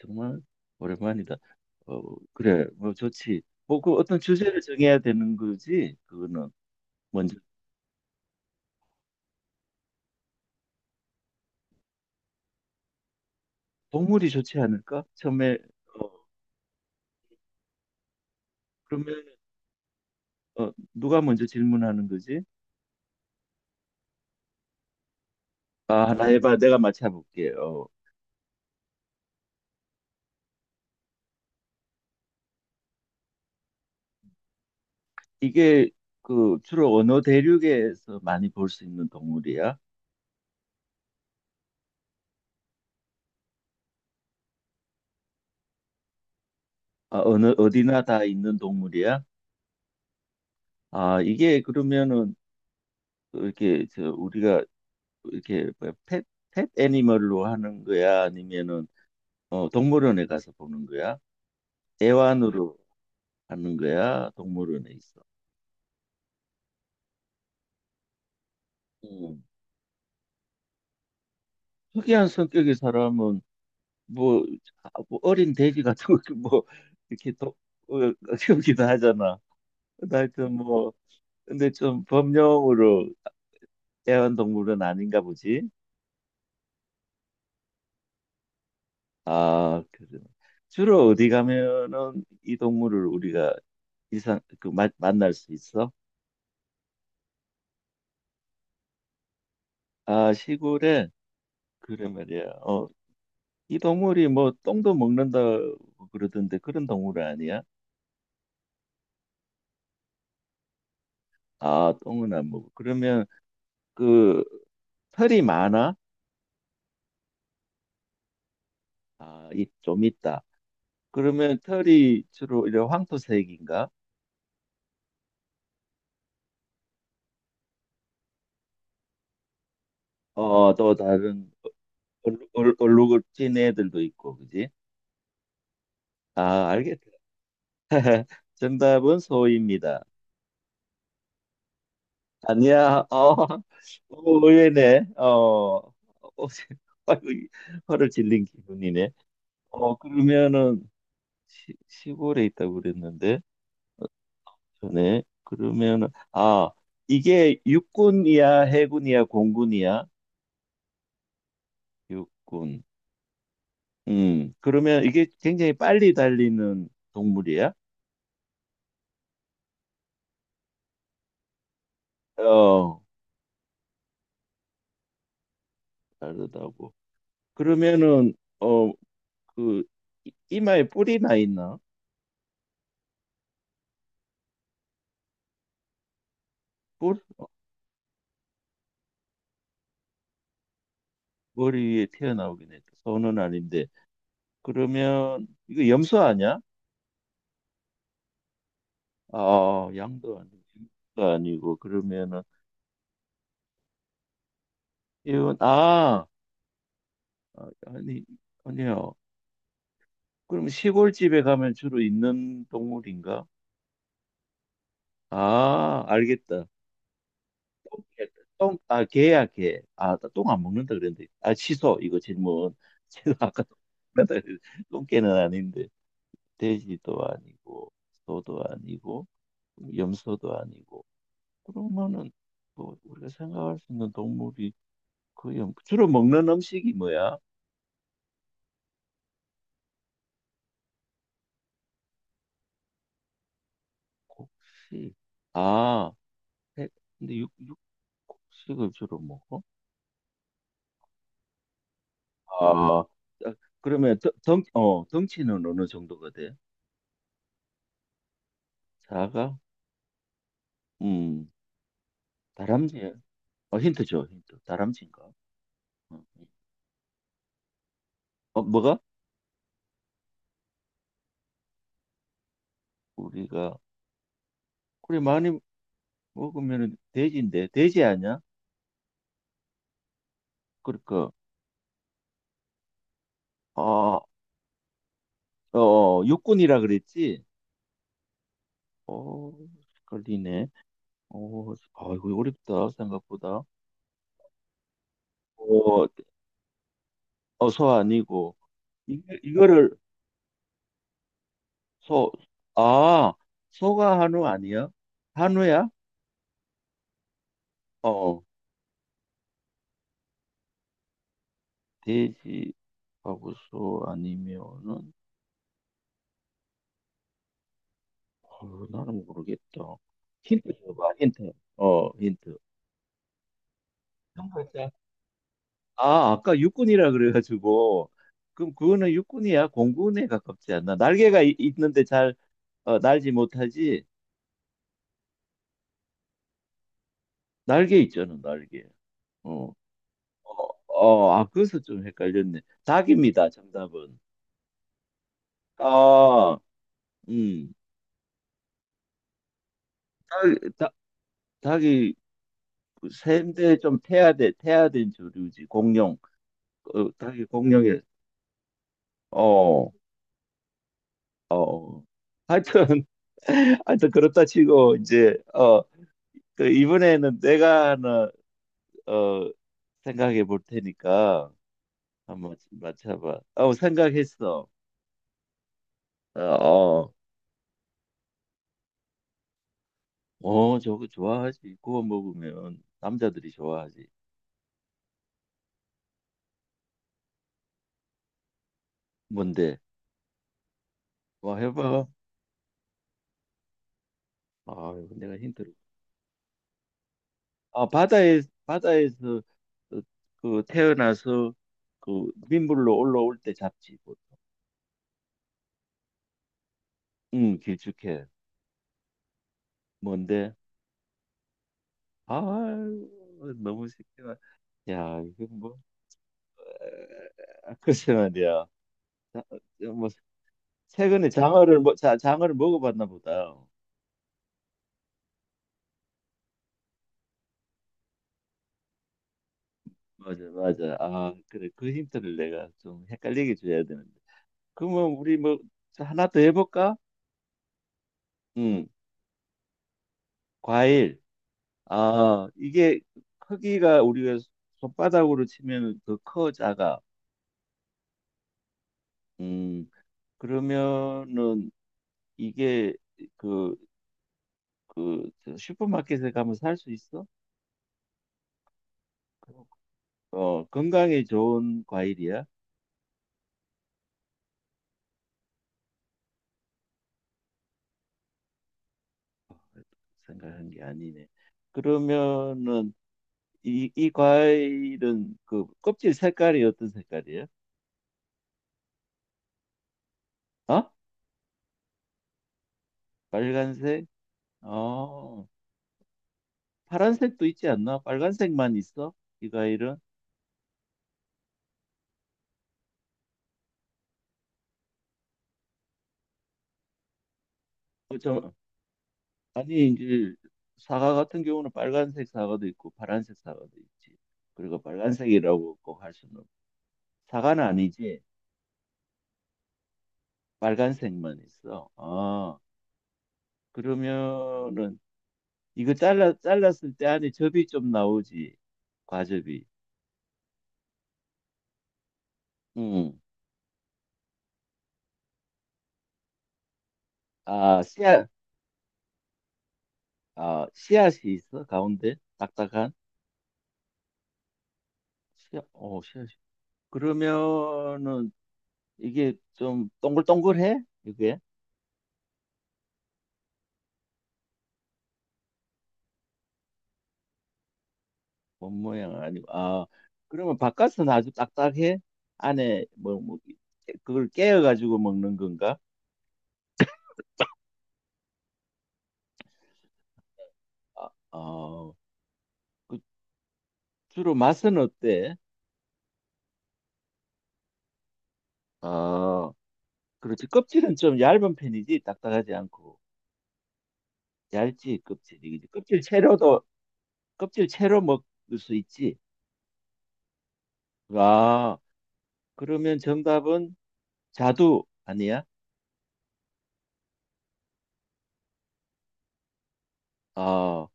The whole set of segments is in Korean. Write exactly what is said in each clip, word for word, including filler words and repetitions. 정말 오랜만이다. 어, 그래, 뭐 좋지. 뭐 그 어떤 주제를 정해야 되는 거지. 그거는 먼저 동물이 좋지 않을까? 처음에 어, 그러면 어, 누가 먼저 질문하는 거지? 아, 하나 해봐. 내가 맞춰볼게. 어, 이게 그 주로 어느 대륙에서 많이 볼 수 있는 동물이야? 아, 어느 어디나 다 있는 동물이야? 아, 이게 그러면은 그 이렇게 저 우리가 이렇게 뭐야, 펫, 펫 애니멀로 하는 거야? 아니면은 어, 동물원에 가서 보는 거야? 애완으로 하는 거야? 동물원에 있어. 음. 특이한 성격의 사람은 뭐, 아, 뭐 어린 돼지 같은 거 뭐 이렇게 도, 어, 키우기도 하잖아. 근데 하여튼 뭐 근데 좀 범용으로 애완동물은 아닌가 보지. 아, 그래. 주로 어디 가면은 이 동물을 우리가 이상 그 마- 만날 수 있어? 아, 시골에 그래 말이야. 어, 이 동물이 뭐 똥도 먹는다 그러던데 그런 동물 아니야? 아, 똥은 안 먹어. 그러면 그 털이 많아? 아, 이 좀 있다. 그러면 털이 주로 이런 황토색인가? 어, 또 다른 얼- 얼- 얼룩을 진 애들도 있고, 그지? 아, 알겠다. 정답은 소입니다. 아니야. 어, 어, 의외네. 어, 어, 아이고, 이 화를 질린 기분이네. 어, 그러면은 시, 골에 있다고 그랬는데 전에 그러면 아 이게 육군이야 해군이야 공군이야? 육군. 음. 그러면 이게 굉장히 빨리 달리는 동물이야? 어, 다르다고. 그러면은 어 그 이마에 뿔이 나 있나? 뿔, 어, 머리 위에 튀어나오긴 했다. 손은 아닌데 그러면 이거 염소 아니야? 아, 양도 아니고 염소도 아니고. 그러면은 이건 아, 아, 아니, 아니요. 그럼 시골집에 가면 주로 있는 동물인가? 아, 알겠다. 똥개, 똥, 아, 개야, 개. 아, 똥 안 먹는다 그랬는데. 아, 취소, 이거 질문. 제가 아까 똥 먹는다 그랬는데 똥개는 아닌데. 돼지도 아니고, 소도 아니고, 염소도 아니고. 그러면은, 뭐, 우리가 생각할 수 있는 동물이 거의, 없- 주로 먹는 음식이 뭐야? 곡식. 아, 해- 근데 육, 육, 곡식을 주로 먹어? 아, 그러면 덩, 덩, 어, 덩치는 어느 정도가 돼? 사가? 음, 다람쥐. 어, 힌트 줘, 힌트. 다람쥐인가? 어, 예. 어, 뭐가? 우리가 그래 많이 먹으면 돼지인데 돼지 아니야? 그러니까 아, 어, 어, 육군이라 그랬지? 어, 걸리네. 어, 아이고 어렵다 생각보다. 어, 어, 소 아니고 이, 이거를 소, 아, 소가 한우 아니야? 한우야? 어. 돼지하고서 아니면은 어, 나는 모르겠다. 힌트 줘봐. 힌트. 어 힌트. 한 글자. 아 아까 육군이라 그래가지고 그럼 그거는 육군이야? 공군에 가깝지 않나? 날개가 이- 있는데 잘 어, 날지 못하지? 날개 있잖아 날개. 어, 어, 어, 아, 그래서 좀 헷갈렸네. 닭입니다, 정답은. 아, 음. 닭, 닭, 닭이 그 샌데 좀 태아 돼, 태아된 조류지, 공룡. 어, 자기 공룡이 어, 어. 어. 하여튼 하여튼 그렇다 치고 이제 어, 그 이번에는 내가 하나 어 생각해 볼 테니까 한번 맞춰봐. 어, 생각했어. 어, 어, 어, 저거 좋아하지. 구워 먹으면 남자들이 좋아하지. 뭔데? 와, 해봐. 아, 내가 힌트를. 아, 바다에 바다에서 어, 그 태어나서 그 민물로 올라올 때 잡지. 뭐. 응, 길쭉해. 뭔데? 아, 너무 새끼가. 야, 이거 뭐 아, 글쎄 말이야. 자, 뭐 최근에 장어를 뭐 자, 장어를 먹어봤나 보다. 맞아, 맞아. 아, 그래. 그 힌트를 내가 좀 헷갈리게 줘야 되는데. 그러면 우리 뭐 자, 하나 더 해볼까? 응, 과일. 아, 이게 크기가 우리가 손바닥으로 치면 더 커, 작아. 음, 그러면은 이게 그 그 슈퍼마켓에 가면 살 수 있어? 어, 건강에 좋은 과일이야? 생각한 게 아니네. 그러면은 이, 이 과일은 그 껍질 색깔이 어떤 색깔이야? 어? 빨간색? 어, 파란색도 있지 않나? 빨간색만 있어? 이 과일은? 어, 저, 아니 이제 사과 같은 경우는 빨간색 사과도 있고 파란색 사과도 있지. 그리고 빨간색이라고 꼭 할 수는 없- 사과는 아니지. 빨간색만 있어. 아. 그러면은 이거 잘라 잘랐을 때 안에 접이 좀 나오지. 과접이. 음. 아, 씨앗, 아, 씨앗이 있어? 가운데 딱딱한 씨앗. 어, 씨앗이. 그러면은 이게 좀 동글동글해? 이게 본 모양 아니고. 아, 그러면 바깥은 아주 딱딱해? 안에 뭐, 뭐 그걸 깨어 가지고 먹는 건가? 아, 어, 그 주로 맛은 어때? 아, 그렇지. 껍질은 좀 얇은 편이지, 딱딱하지 않고. 얇지, 껍질이. 그지? 껍질 채로도, 껍질 채로 먹을 수 있지. 아, 그러면 정답은 자두 아니야? 아,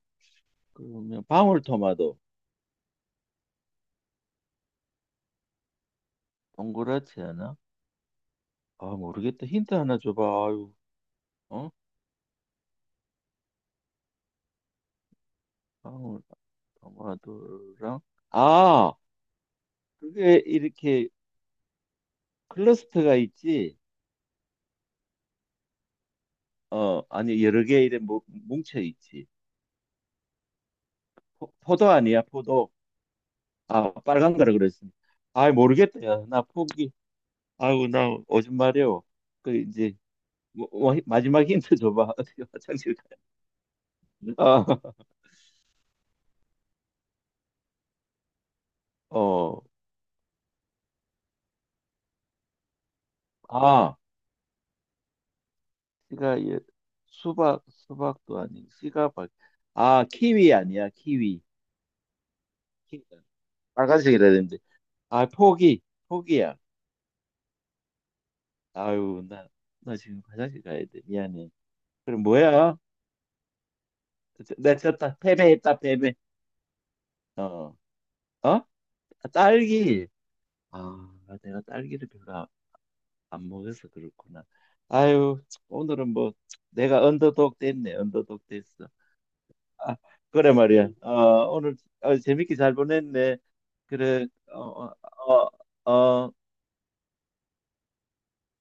그러면 방울토마토. 동그랗지 않아? 아, 모르겠다. 힌트 하나 줘봐. 아유, 어? 방울토마토랑. 아, 그게 이렇게 클러스터가 있지? 어, 아니, 여러 개 이렇게 뭉- 뭉쳐 있지. 포- 포도 아니야, 포도. 아, 빨간 거라 그랬어니 아, 모르겠다. 야, 나 포기. 아우, 나 오줌 마려워. 그, 이제, 뭐, 뭐, 마지막 힌트 줘봐. 어디 화장실 가야 돼? 어, 아, 어, 아, 씨가, 예, 수박, 수박도 아닌, 씨가, 박 아, 키위 아니야, 키위. 키위. 빨간색이라 되는데. 아, 포기, 포기야. 아유, 나, 나 지금 화장실 가야 돼. 미안해. 그럼 뭐야? 내 졌다. 패배했다, 패배. 어, 어? 딸기. 아, 내가 딸기를 별로 안, 안 먹어서 그렇구나. 아유, 오늘은 뭐 내가 언더독 됐네. 언더독 됐어. 아, 그래 말이야. 어, 오늘 어, 재밌게 잘 보냈네. 그래. 어, 어, 어, 어.